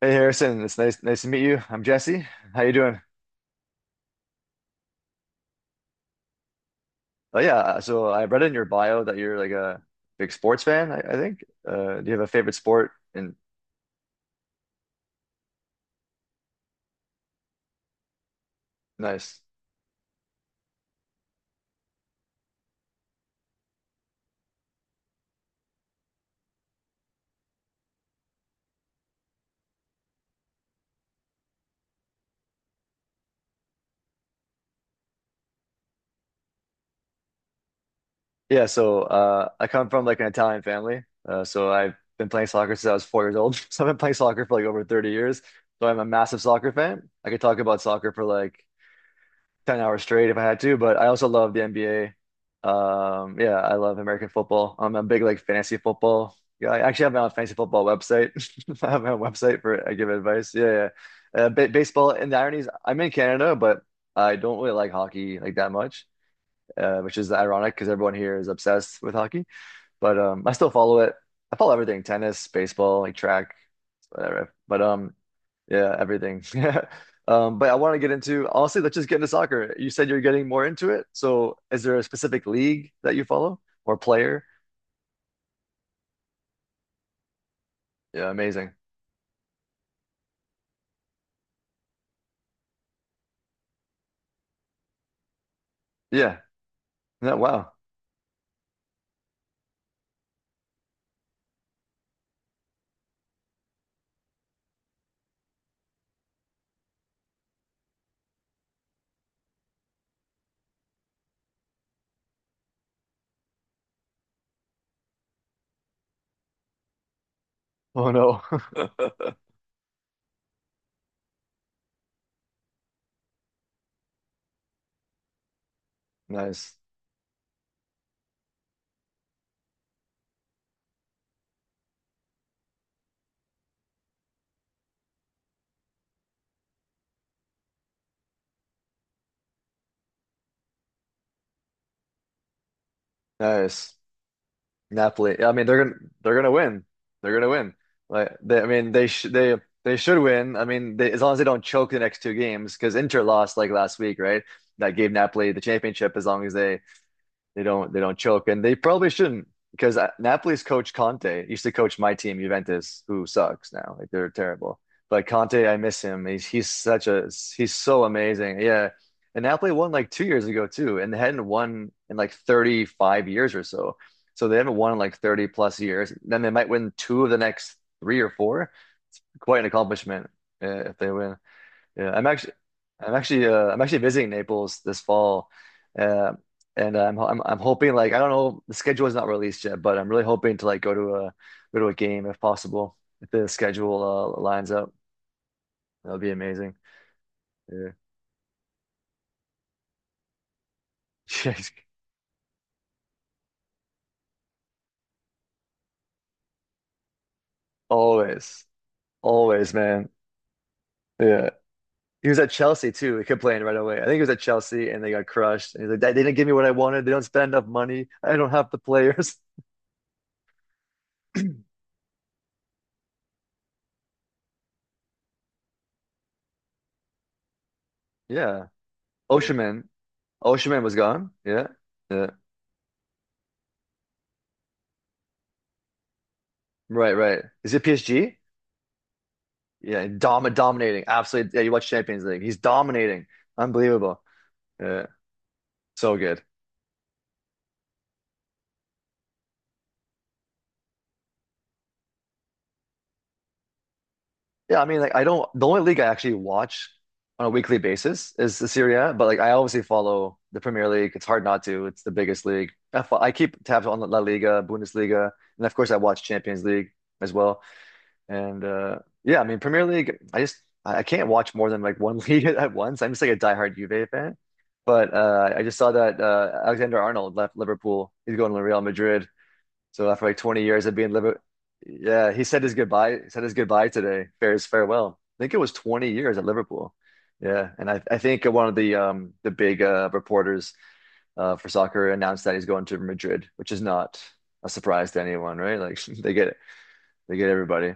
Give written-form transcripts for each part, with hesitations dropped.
Hey Harrison, it's nice to meet you. I'm Jesse. How you doing? Oh yeah, so I read in your bio that you're like a big sports fan, I think. Do you have a favorite sport? And nice. Yeah, so I come from like an Italian family. So I've been playing soccer since I was 4 years old. So I've been playing soccer for like over 30 years. So I'm a massive soccer fan. I could talk about soccer for like 10 hours straight if I had to, but I also love the NBA. Yeah, I love American football. I'm a big like fantasy football guy. I actually have my own fantasy football website. I have my own website for I give advice. Yeah, yeah. Ba Baseball, and the irony is I'm in Canada, but I don't really like hockey like that much, which is ironic because everyone here is obsessed with hockey. But I still follow it. I follow everything: tennis, baseball, like track whatever. But yeah, everything. Yeah. But I want to get into honestly, let's just get into soccer. You said you're getting more into it. So is there a specific league that you follow or player? Yeah, amazing. Yeah. Yeah, wow. Oh no. Nice. Nice. Napoli. Yeah, I mean, they're gonna win. They're gonna win. Like they, I mean, they should win. I mean, they, as long as they don't choke the next two games, because Inter lost like last week, right? That gave Napoli the championship as long as they they don't choke, and they probably shouldn't because Napoli's coach Conte used to coach my team Juventus, who sucks now. Like they're terrible. But Conte, I miss him. He's such a he's so amazing. Yeah, and Napoli won like 2 years ago too, and they hadn't won in like 35 years or so. So they haven't won in like 30 plus years. Then they might win two of the next three or four. It's quite an accomplishment if they win. Yeah, I'm actually, I'm actually visiting Naples this fall, uh, and I'm hoping like I don't know the schedule is not released yet, but I'm really hoping to like go to a game if possible. If the schedule lines up, that would be amazing. Yeah, Jeez. Always, always, man. Yeah, he was at Chelsea too. He complained right away. I think he was at Chelsea and they got crushed. And he's like, they didn't give me what I wanted. They don't spend enough money. I don't have the players. Yeah, Osimhen, Osimhen was gone. Yeah. Yeah. Right, right. Is it PSG? Yeah, dominating. Absolutely. Yeah, you watch Champions League. He's dominating. Unbelievable. Yeah, so good. Yeah, I mean, like I don't. The only league I actually watch on a weekly basis is the Serie A, but like I obviously follow the Premier League. It's hard not to. It's the biggest league. I keep tabs on La Liga, Bundesliga, and of course I watch Champions League as well. And yeah, I mean Premier League, I just I can't watch more than like one league at once. I'm just like a diehard Juve fan. But I just saw that Alexander Arnold left Liverpool. He's going to Real Madrid. So after like 20 years of being Liverpool, yeah, he said his goodbye today. Fair's farewell. I think it was 20 years at Liverpool. Yeah, and I think one of the big reporters for soccer announced that he's going to Madrid, which is not a surprise to anyone, right? Like they get everybody.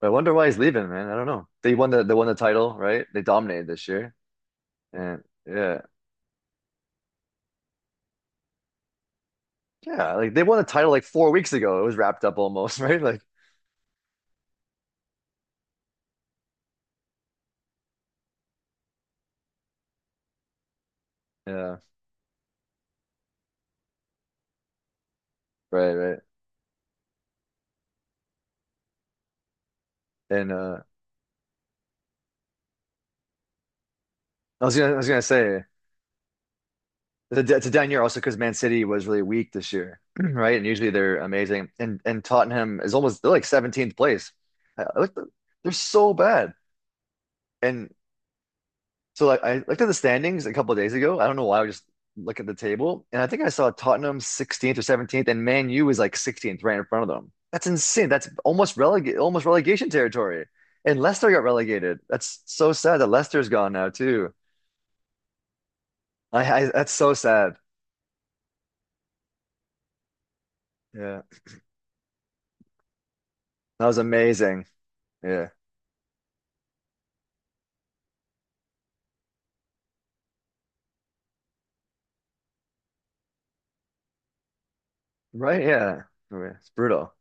But I wonder why he's leaving, man. I don't know. They won the title, right? They dominated this year. And yeah. Yeah, like they won the title like 4 weeks ago. It was wrapped up almost, right? Like yeah, right, right. And I was gonna say it's a, it's a down year also because Man City was really weak this year, right? And usually they're amazing. And Tottenham is almost they're like 17th place. I, I looked, they're so bad. And so like I looked at the standings a couple of days ago. I don't know why I was just look at the table, and I think I saw Tottenham 16th or 17th, and Man U is like 16th, right in front of them. That's insane. That's almost releg almost relegation territory. And Leicester got relegated. That's so sad that Leicester's gone now too. I that's so sad. Yeah, that was amazing. Yeah, right. Yeah, okay, it's brutal.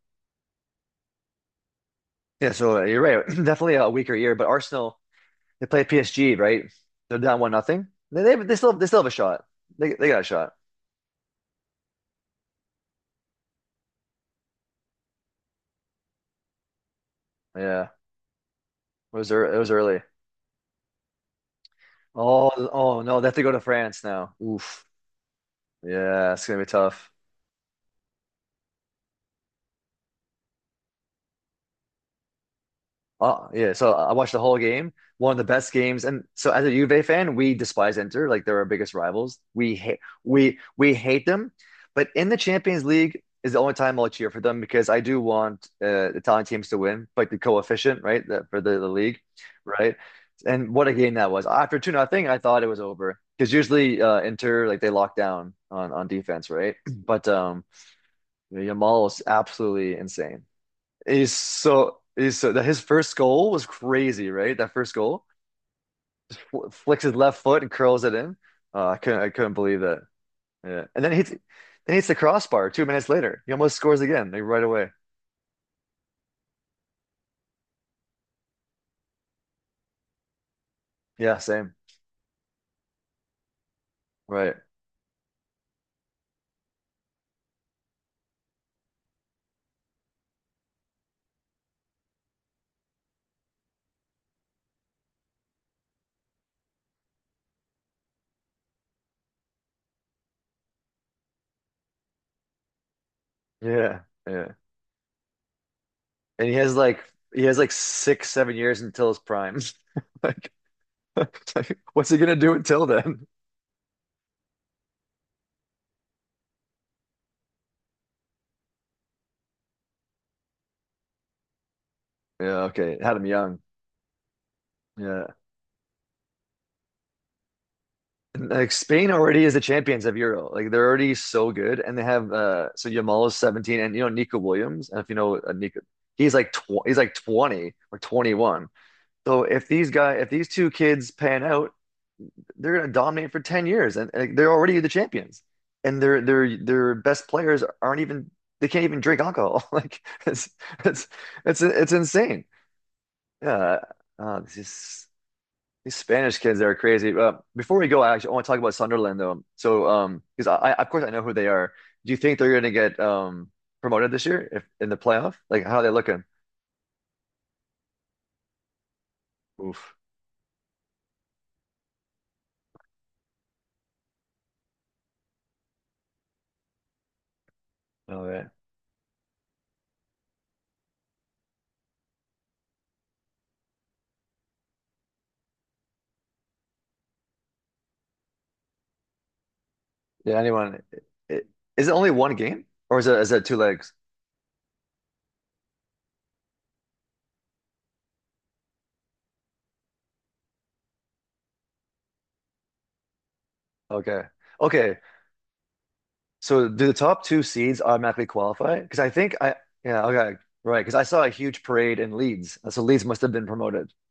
Yeah, so you're right. Definitely a weaker year, but Arsenal they play PSG, right? They're down one nothing. They still have a shot. They got a shot. Yeah. It was early, it was early. Oh, oh no, they have to go to France now. Oof. Yeah, it's gonna be tough. Yeah, so I watched the whole game, one of the best games. And so as a Juve fan, we despise Inter, like they're our biggest rivals. We hate them. But in the Champions League is the only time I'll cheer for them because I do want Italian teams to win, like the coefficient, right? That for the league, right? And what a game that was. After 2 nothing, I thought it was over. Because usually Inter like they lock down on defense, right? But Yamal was absolutely insane. He's so that his first goal was crazy, right? That first goal, flicks his left foot and curls it in. I couldn't believe that. Yeah, and then he hits the crossbar 2 minutes later. He almost scores again, like right away. Yeah, same. Right. Yeah, yeah. And he has like six, 7 years until his prime. Like, like, what's he gonna do until then? Yeah, okay. Had him young. Yeah. Like Spain already is the champions of Euro. Like they're already so good, and they have so Yamal is 17, and you know Nico Williams. And if you know Nico, he's like tw he's like 20 or 21. So if these two kids pan out, they're gonna dominate for 10 years, and they're already the champions. And their best players aren't even they can't even drink alcohol. Like it's it's it's it's insane. Yeah, this is these Spanish kids they are crazy. Before we go, I actually want to talk about Sunderland though. So, because of course, I know who they are. Do you think they're going to get promoted this year if in the playoff? Like, how are they looking? Oof. All right. Yeah. Anyone? It, is it only one game, or is it two legs? Okay. Okay. So, do the top two seeds automatically qualify? Because I think I yeah okay right because I saw a huge parade in Leeds, so Leeds must have been promoted.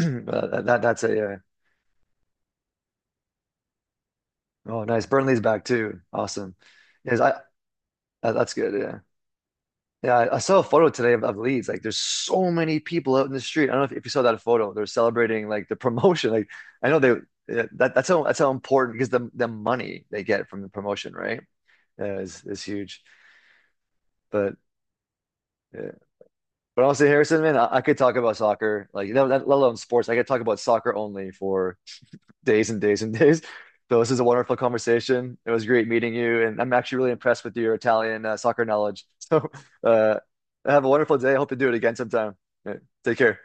That that's a oh nice. Burnley's back too. Awesome. Yes, I. That's good. Yeah. Yeah. I saw a photo today of Leeds. Like, there's so many people out in the street. I don't know if you saw that photo. They're celebrating like the promotion. Like, I know they yeah, that's how important because the money they get from the promotion, right? Yeah, is huge. But yeah. But honestly, Harrison, man, I could talk about soccer like you know, that, let alone sports. I could talk about soccer only for days and days and days. So this is a wonderful conversation. It was great meeting you, and I'm actually really impressed with your Italian soccer knowledge. So uh, have a wonderful day. I hope to do it again sometime. Yeah, take care.